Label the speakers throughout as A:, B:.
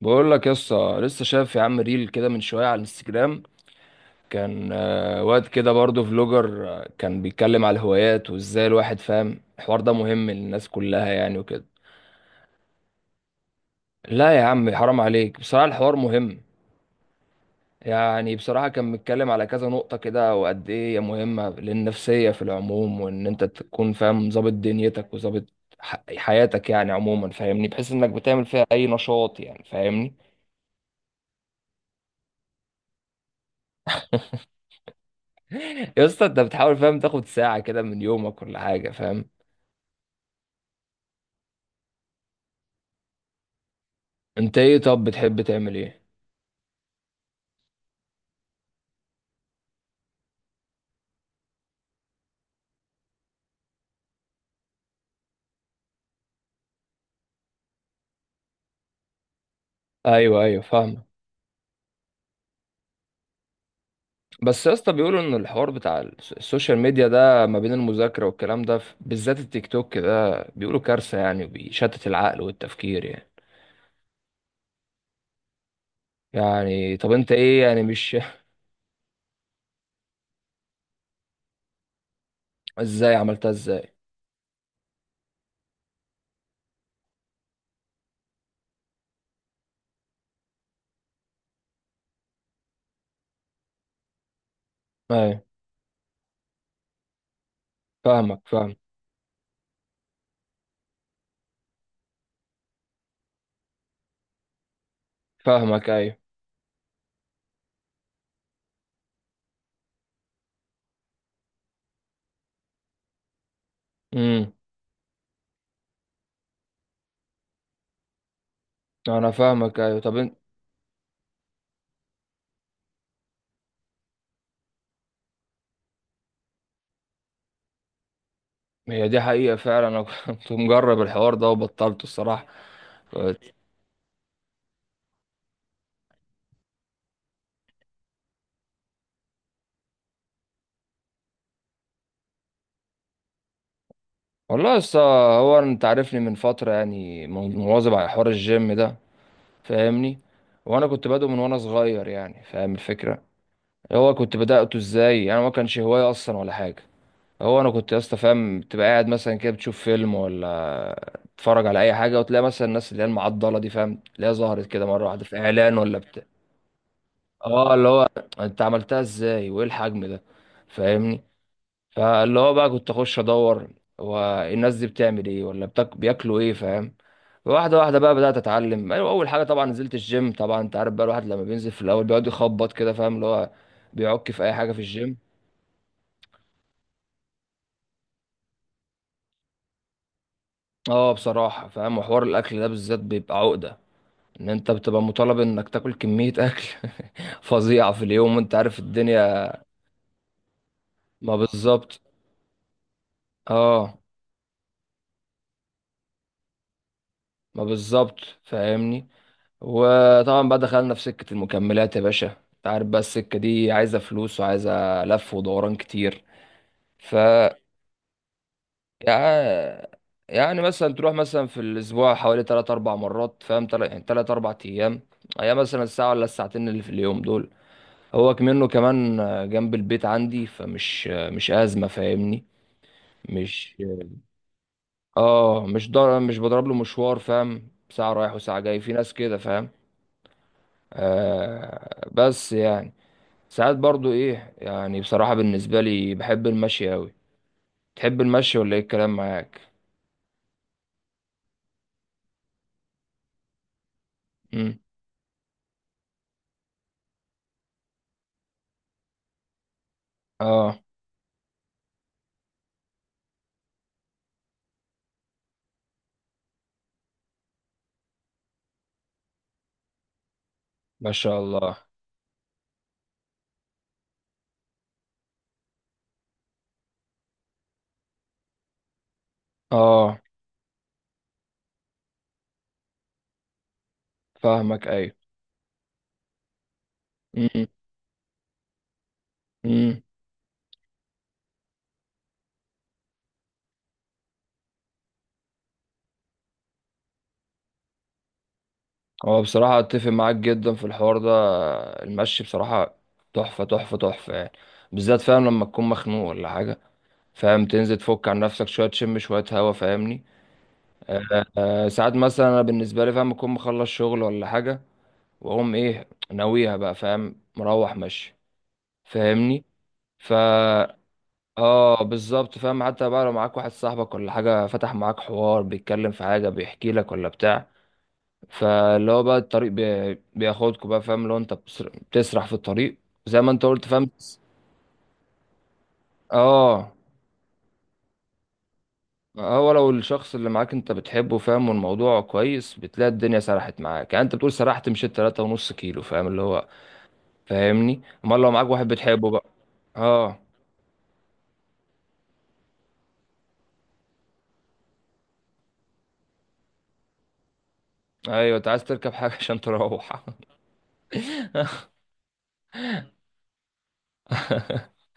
A: بقول لك يا اسطى لسه شايف يا عم ريل كده من شويه على الانستجرام. كان واد كده برضه فلوجر، كان بيتكلم على الهوايات وازاي الواحد فاهم الحوار ده مهم للناس كلها يعني وكده. لا يا عم، حرام عليك، بصراحه الحوار مهم. يعني بصراحه كان بيتكلم على كذا نقطه كده وقد ايه هي مهمه للنفسيه في العموم، وان انت تكون فاهم ظابط دنيتك وظابط حياتك يعني عموما، فاهمني، بحيث انك بتعمل فيها اي نشاط يعني، فاهمني. يا اسطى انت بتحاول فاهم تاخد ساعة كده من يومك ولا حاجة، فاهم. انت ايه طب بتحب تعمل ايه؟ ايوه ايوه فاهمه. بس يا اسطى بيقولوا ان الحوار بتاع السوشيال ميديا ده ما بين المذاكره والكلام ده بالذات التيك توك ده بيقولوا كارثه يعني وبيشتت العقل والتفكير يعني. يعني طب انت ايه يعني مش ازاي عملتها ازاي؟ ايوه فاهمك فاهم. فاهمك ايوه. امم. انا فاهمك ايوه طب انت. هي دي حقيقه فعلا، انا كنت مجرب الحوار ده وبطلته الصراحه. والله يا اسطى، هو انت عارفني من فتره يعني مواظب على حوار الجيم ده، فاهمني. وانا كنت بادئه من وانا صغير يعني، فاهم الفكره. هو كنت بدأته ازاي؟ انا ما كانش هوايه اصلا ولا حاجه. هو انا كنت يا اسطى فاهم تبقى قاعد مثلا كده بتشوف فيلم ولا تتفرج على اي حاجه، وتلاقي مثلا الناس اللي هي المعضله دي، فاهم، تلاقيها ظهرت كده مره واحده في اعلان ولا بتاع. اه اللي هو انت عملتها ازاي، وايه الحجم ده، فاهمني. فاللي هو بقى كنت اخش ادور هو الناس دي بتعمل ايه ولا بياكلوا ايه، فاهم. واحده واحده بقى بدات اتعلم، أيوة، اول حاجه طبعا نزلت الجيم. طبعا انت عارف بقى الواحد لما بينزل في الاول بيقعد يخبط كده، فاهم اللي هو بيعك في اي حاجه في الجيم. اه بصراحه فاهم، وحوار الاكل ده بالذات بيبقى عقده، ان انت بتبقى مطالب انك تاكل كميه اكل فظيعه في اليوم، وانت عارف الدنيا. ما بالظبط. اه ما بالظبط، فاهمني. وطبعا بقى دخلنا في سكة المكملات يا باشا، انت عارف بقى السكة دي عايزة فلوس وعايزة لف ودوران كتير. ف يع- يعني مثلا تروح مثلا في الأسبوع حوالي تلات أربع مرات، فاهم، يعني تلات أربع أيام. أيام مثلا الساعة ولا الساعتين اللي في اليوم دول. هو كمان جنب البيت عندي، فمش مش أزمة، فاهمني. مش. مش بضرب له مشوار، فاهم، ساعة رايح وساعة جاي في ناس كده، فاهم. آه بس يعني ساعات برضو ايه يعني بصراحة بالنسبة لي بحب المشي اوي. تحب المشي ولا ايه الكلام معاك؟ امم. اه. ما شاء الله. اه فاهمك ايوه. امم. امم. هو بصراحة اتفق معاك جدا في الحوار ده. المشي بصراحة تحفة تحفة تحفة يعني. بالذات فاهم لما تكون مخنوق ولا حاجة، فاهم، تنزل تفك عن نفسك شوية تشم شوية هوا، فاهمني. آه آه ساعات مثلا انا بالنسبة لي فاهم اكون مخلص شغل ولا حاجة، واقوم ايه ناويها بقى، فاهم، مروح مشي، فاهمني. فا اه بالظبط، فاهم، حتى بقى لو معاك واحد صاحبك ولا حاجة فتح معاك حوار بيتكلم في حاجة بيحكي لك ولا بتاع، فاللي هو بقى الطريق بياخدكوا بقى، فاهم، لو انت بتسرح في الطريق زي ما انت قلت، فاهم. اه، هو لو الشخص اللي معاك انت بتحبه، فاهم، والموضوع كويس بتلاقي الدنيا سرحت معاك، يعني انت بتقول سرحت مشيت تلاتة ونص كيلو فاهم اللي هو، فاهمني، امال لو معاك واحد بتحبه بقى. اه. ايوه انت عايز تركب حاجة عشان تروح.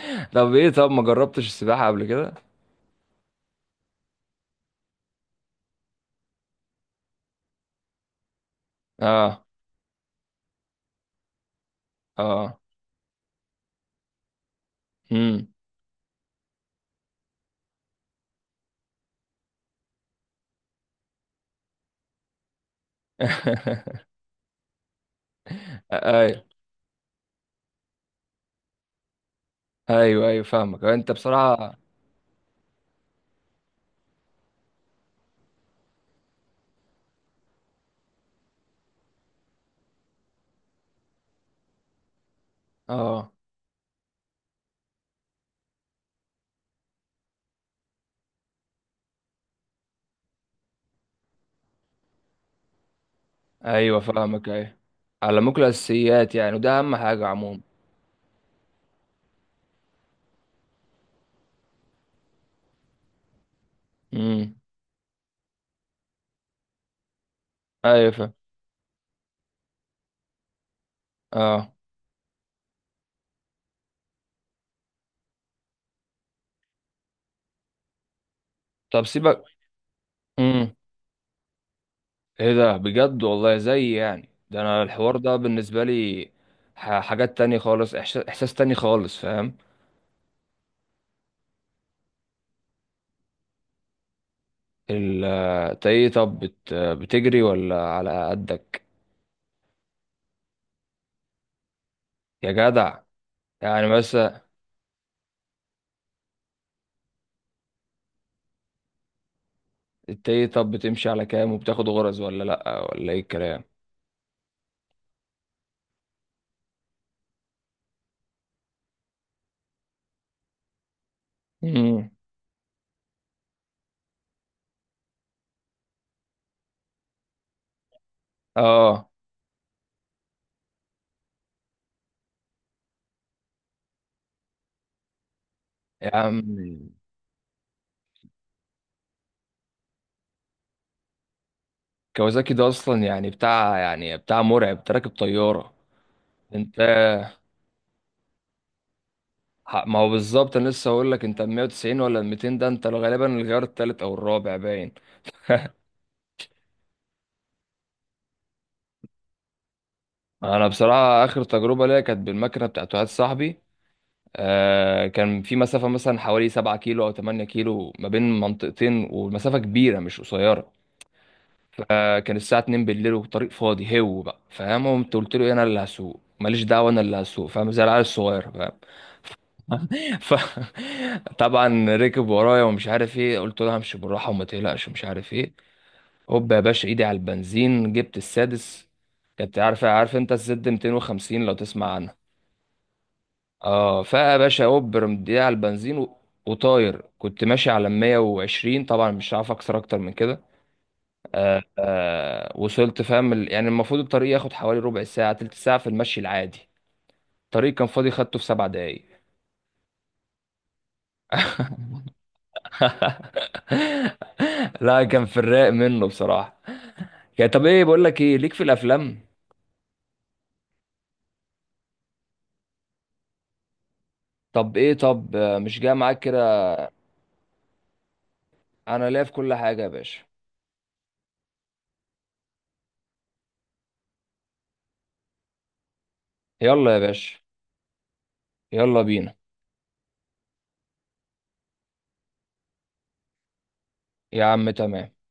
A: طب ايه، طب ما جربتش السباحة قبل كده؟ اه. اه. امم. ايوه ايوه ايوه فاهمك، انت بصراحه. اه ايوه فاهمك ايوه. علموك الاساسيات يعني، وده اهم حاجه عموما. امم. ايوه فاهم. اه. طب سيبك. امم. ايه ده بجد، والله زي يعني ده انا الحوار ده بالنسبه لي حاجات تانية خالص، احساس تاني خالص، فاهم. ال آه، إنت ايه طب بتجري ولا على قدك؟ يا جدع، يعني مثلا انت ايه طب بتمشي على كام، وبتاخد غرز ولا لأ ولا ايه الكلام؟ امم. اه. يا عم كوازاكي ده اصلا يعني بتاع، يعني بتاع مرعب، انت راكب طيارة. انت ما هو بالظبط، انا لسه هقول لك انت 190 ولا 200، ده انت غالبا الغيار التالت او الرابع باين. انا بصراحه اخر تجربه ليا كانت بالمكنه بتاعت واحد صاحبي. كان في مسافه مثلا حوالي 7 كيلو او 8 كيلو ما بين منطقتين، ومسافه كبيره مش قصيره. فكان الساعة 2 بالليل والطريق فاضي، هو بقى فاهم. قمت قلت له انا اللي هسوق، ماليش دعوة انا اللي هسوق فاهم، زي العيال الصغير، فاهم. ف طبعا ركب ورايا ومش عارف ايه، قلت له همشي بالراحة وما تقلقش ومش عارف ايه. هوب يا باشا، ايدي على البنزين جبت السادس، كنت عارف انت الزد 250 لو تسمع عنها؟ اه. فيا باشا هوب رميت ايدي على البنزين و... وطاير، كنت ماشي على 120 طبعا، مش عارف اكسر اكتر من كده. آه آه وصلت، فاهم، يعني المفروض الطريق ياخد حوالي ربع ساعة تلت ساعة في المشي العادي. الطريق كان فاضي، خدته في سبع دقايق. لا كان في الرايق منه بصراحة. يعني طب ايه بقول لك، ايه ليك في الافلام؟ طب ايه، طب مش جاي معاك كده؟ انا ليا في كل حاجة يا باشا. يلا يا باشا. يلا بينا. يا عم تمام.